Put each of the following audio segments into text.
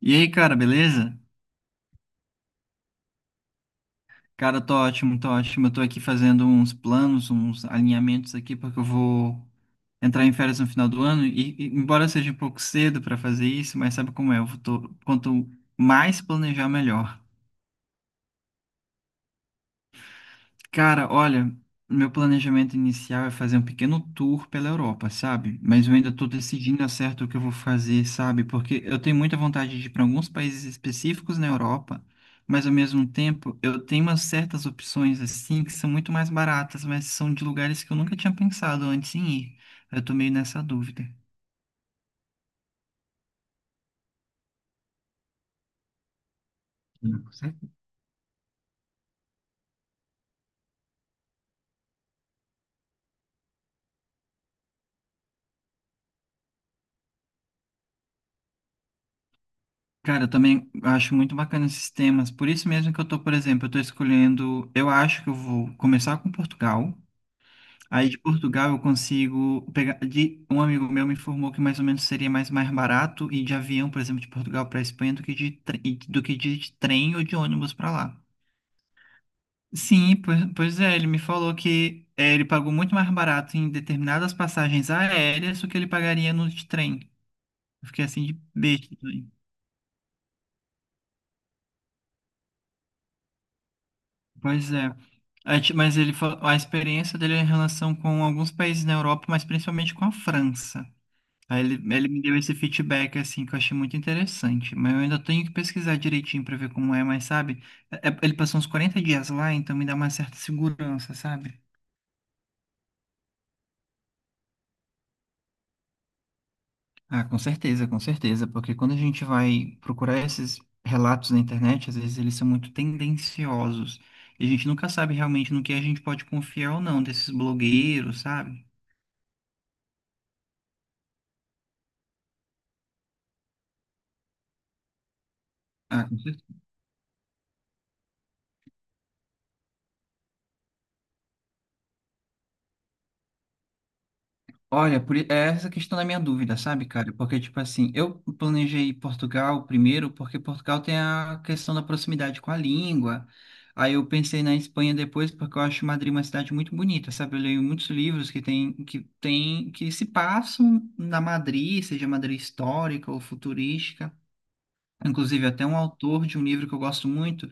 E aí, cara, beleza? Cara, eu tô ótimo, tô ótimo. Eu tô aqui fazendo uns planos, uns alinhamentos aqui, porque eu vou entrar em férias no final do ano. E embora seja um pouco cedo pra fazer isso, mas sabe como é? Eu tô, quanto mais planejar, melhor. Cara, olha, meu planejamento inicial é fazer um pequeno tour pela Europa, sabe? Mas eu ainda tô decidindo ao certo o que eu vou fazer, sabe? Porque eu tenho muita vontade de ir para alguns países específicos na Europa, mas ao mesmo tempo eu tenho umas certas opções assim que são muito mais baratas, mas são de lugares que eu nunca tinha pensado antes em ir. Eu tô meio nessa dúvida. Sim, com certeza. Cara, eu também acho muito bacana esses temas. Por isso mesmo que eu tô, por exemplo, eu tô escolhendo, eu acho que eu vou começar com Portugal. Aí de Portugal eu consigo pegar. Um amigo meu me informou que mais ou menos seria mais barato ir de avião, por exemplo, de Portugal para Espanha do que do que de trem ou de ônibus para lá. Sim, pois é, ele me falou que é, ele pagou muito mais barato em determinadas passagens aéreas do que ele pagaria no de trem. Eu fiquei assim de besta também. Pois é. Aí, mas ele falou, a experiência dele é em relação com alguns países na Europa, mas principalmente com a França. Aí ele me deu esse feedback assim que eu achei muito interessante, mas eu ainda tenho que pesquisar direitinho pra ver como é, mas sabe, ele passou uns 40 dias lá, então me dá uma certa segurança, sabe? Ah, com certeza, porque quando a gente vai procurar esses relatos na internet, às vezes eles são muito tendenciosos, e a gente nunca sabe realmente no que a gente pode confiar ou não desses blogueiros, sabe? Ah, com certeza. Olha, é essa questão da minha dúvida, sabe, cara? Porque, tipo assim, eu planejei Portugal primeiro, porque Portugal tem a questão da proximidade com a língua. Aí eu pensei na Espanha depois, porque eu acho Madrid uma cidade muito bonita, sabe? Eu leio muitos livros que se passam na Madrid, seja Madrid histórica ou futurística. Inclusive, até um autor de um livro que eu gosto muito,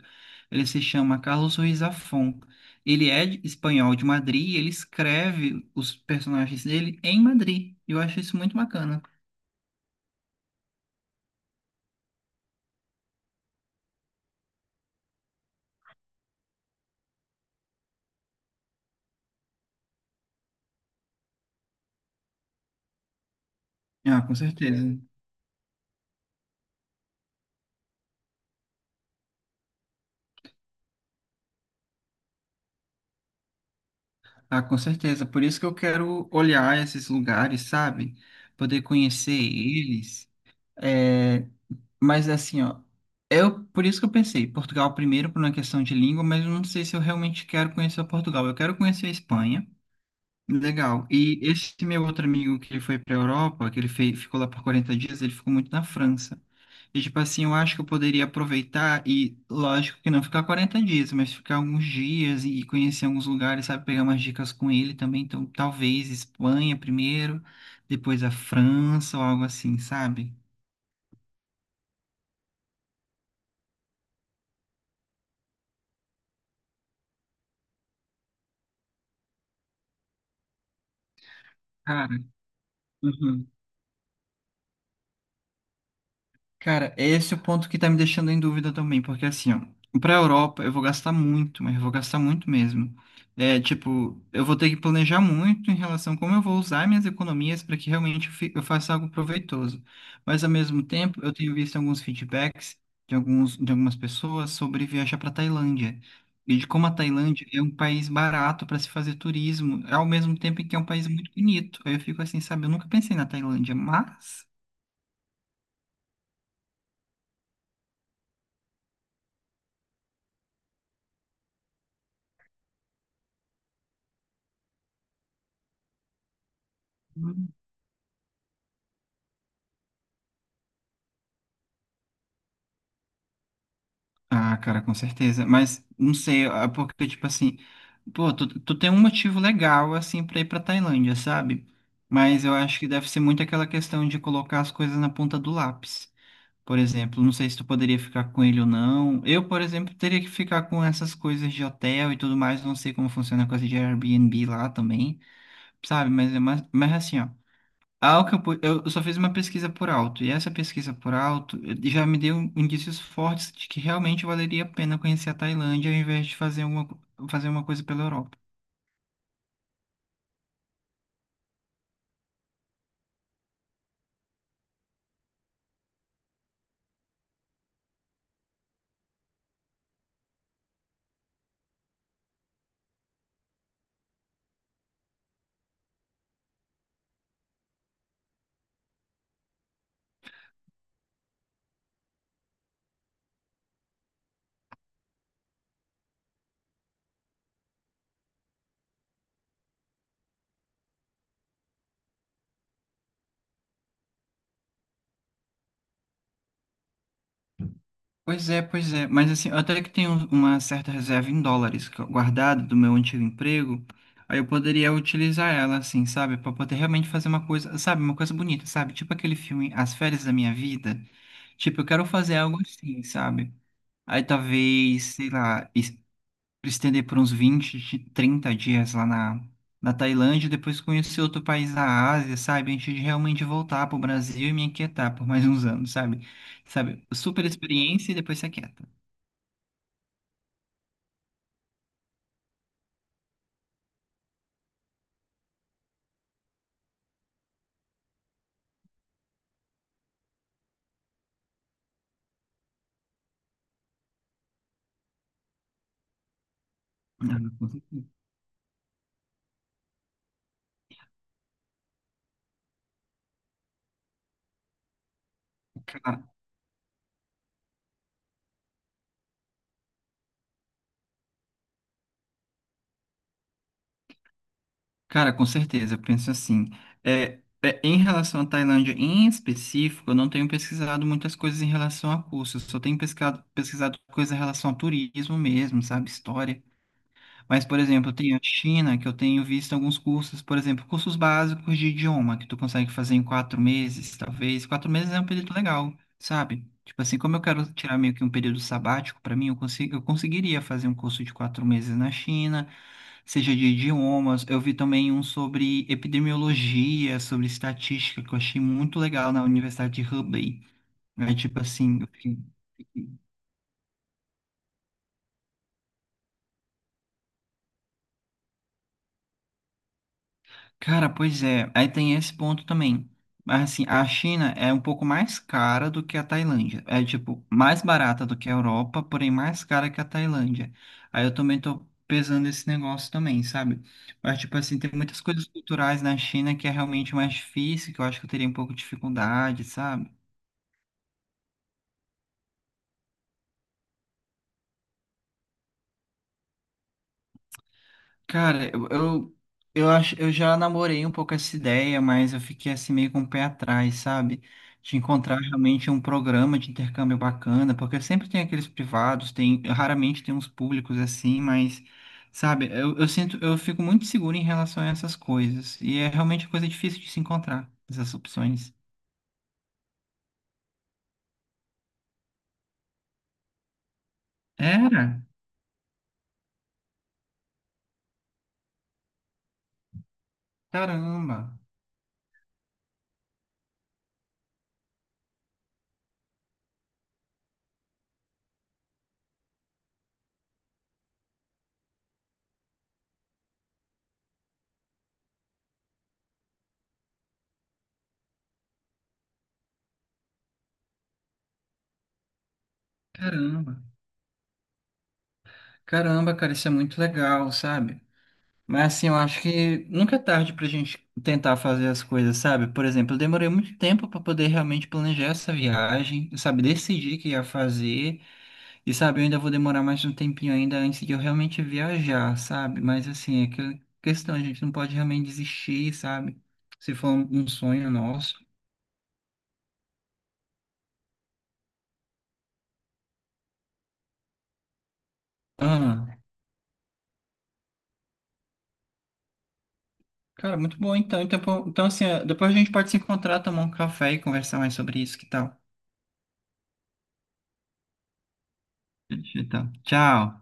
ele se chama Carlos Ruiz Zafón. Ele é espanhol de Madrid e ele escreve os personagens dele em Madrid. Eu acho isso muito bacana. Ah, com certeza. Ah, com certeza. Por isso que eu quero olhar esses lugares, sabe? Poder conhecer eles. É, mas assim, ó, eu por isso que eu pensei, Portugal primeiro por uma questão de língua, mas eu não sei se eu realmente quero conhecer Portugal. Eu quero conhecer a Espanha. Legal. E esse meu outro amigo que ele foi para a Europa, que ele ficou lá por 40 dias, ele ficou muito na França. E, tipo assim, eu acho que eu poderia aproveitar e, lógico que não ficar 40 dias, mas ficar alguns dias e conhecer alguns lugares, sabe? Pegar umas dicas com ele também. Então, talvez Espanha primeiro, depois a França ou algo assim, sabe? Cara, Cara, esse é o ponto que tá me deixando em dúvida também, porque assim, ó, pra Europa eu vou gastar muito, mas eu vou gastar muito mesmo. É, tipo, eu vou ter que planejar muito em relação a como eu vou usar minhas economias para que realmente eu faça algo proveitoso. Mas ao mesmo tempo, eu tenho visto alguns feedbacks de alguns, de algumas pessoas sobre viajar para Tailândia. E de como a Tailândia é um país barato para se fazer turismo, ao mesmo tempo em que é um país muito bonito. Aí eu fico assim, sabe? Eu nunca pensei na Tailândia, mas. Ah, cara, com certeza. Mas não sei, ah, porque, tipo assim, pô, tu tem um motivo legal, assim, pra ir pra Tailândia, sabe? Mas eu acho que deve ser muito aquela questão de colocar as coisas na ponta do lápis. Por exemplo, não sei se tu poderia ficar com ele ou não. Eu, por exemplo, teria que ficar com essas coisas de hotel e tudo mais. Não sei como funciona a coisa de Airbnb lá também, sabe? Mas é mais, mas assim, ó. Algo que eu só fiz uma pesquisa por alto, e essa pesquisa por alto já me deu indícios fortes de que realmente valeria a pena conhecer a Tailândia ao invés de fazer fazer uma coisa pela Europa. Pois é, mas assim, eu até que tenho uma certa reserva em dólares guardada do meu antigo emprego, aí eu poderia utilizar ela, assim, sabe, para poder realmente fazer uma coisa, sabe, uma coisa bonita, sabe, tipo aquele filme As Férias da Minha Vida, tipo, eu quero fazer algo assim, sabe? Aí talvez, sei lá, pra estender por uns 20, 30 dias lá na, na Tailândia, depois conhecer outro país da Ásia, sabe? Antes de realmente voltar pro Brasil e me aquietar por mais uns anos, sabe? Sabe? Super experiência e depois se aquieta. Uhum. Cara, cara, com certeza, eu penso assim. É, em relação à Tailândia em específico, eu não tenho pesquisado muitas coisas em relação a cursos, só tenho pesquisado coisas em relação a turismo mesmo, sabe? História. Mas, por exemplo, tem a China, que eu tenho visto alguns cursos, por exemplo, cursos básicos de idioma, que tu consegue fazer em 4 meses, talvez. 4 meses é um período legal, sabe? Tipo assim, como eu quero tirar meio que um período sabático, para mim, eu consigo, eu conseguiria fazer um curso de 4 meses na China, seja de idiomas. Eu vi também um sobre epidemiologia, sobre estatística, que eu achei muito legal na Universidade de Hubei. É tipo assim, eu fiquei. Cara, pois é, aí tem esse ponto também. Mas assim, a China é um pouco mais cara do que a Tailândia. É tipo, mais barata do que a Europa, porém mais cara que a Tailândia. Aí eu também tô pesando esse negócio também, sabe? Mas tipo assim, tem muitas coisas culturais na China que é realmente mais difícil, que eu acho que eu teria um pouco de dificuldade, sabe? Cara, eu acho, eu já namorei um pouco essa ideia, mas eu fiquei assim meio com o pé atrás, sabe? De encontrar realmente um programa de intercâmbio bacana, porque sempre tem aqueles privados, tem, raramente tem uns públicos assim, mas, sabe, eu sinto, eu fico muito seguro em relação a essas coisas. E é realmente coisa difícil de se encontrar, essas opções. Era? Caramba, caramba, caramba, cara, isso é muito legal, sabe? Mas assim, eu acho que nunca é tarde pra gente tentar fazer as coisas, sabe? Por exemplo, eu demorei muito tempo pra poder realmente planejar essa viagem, sabe? Decidir que ia fazer, e sabe, eu ainda vou demorar mais um tempinho ainda antes de eu realmente viajar, sabe? Mas assim, é que questão, a gente não pode realmente desistir, sabe? Se for um sonho nosso. Ah, cara, muito bom então. Então, pô, então assim, é, depois a gente pode se encontrar, tomar um café e conversar mais sobre isso, que tal? Então, tchau.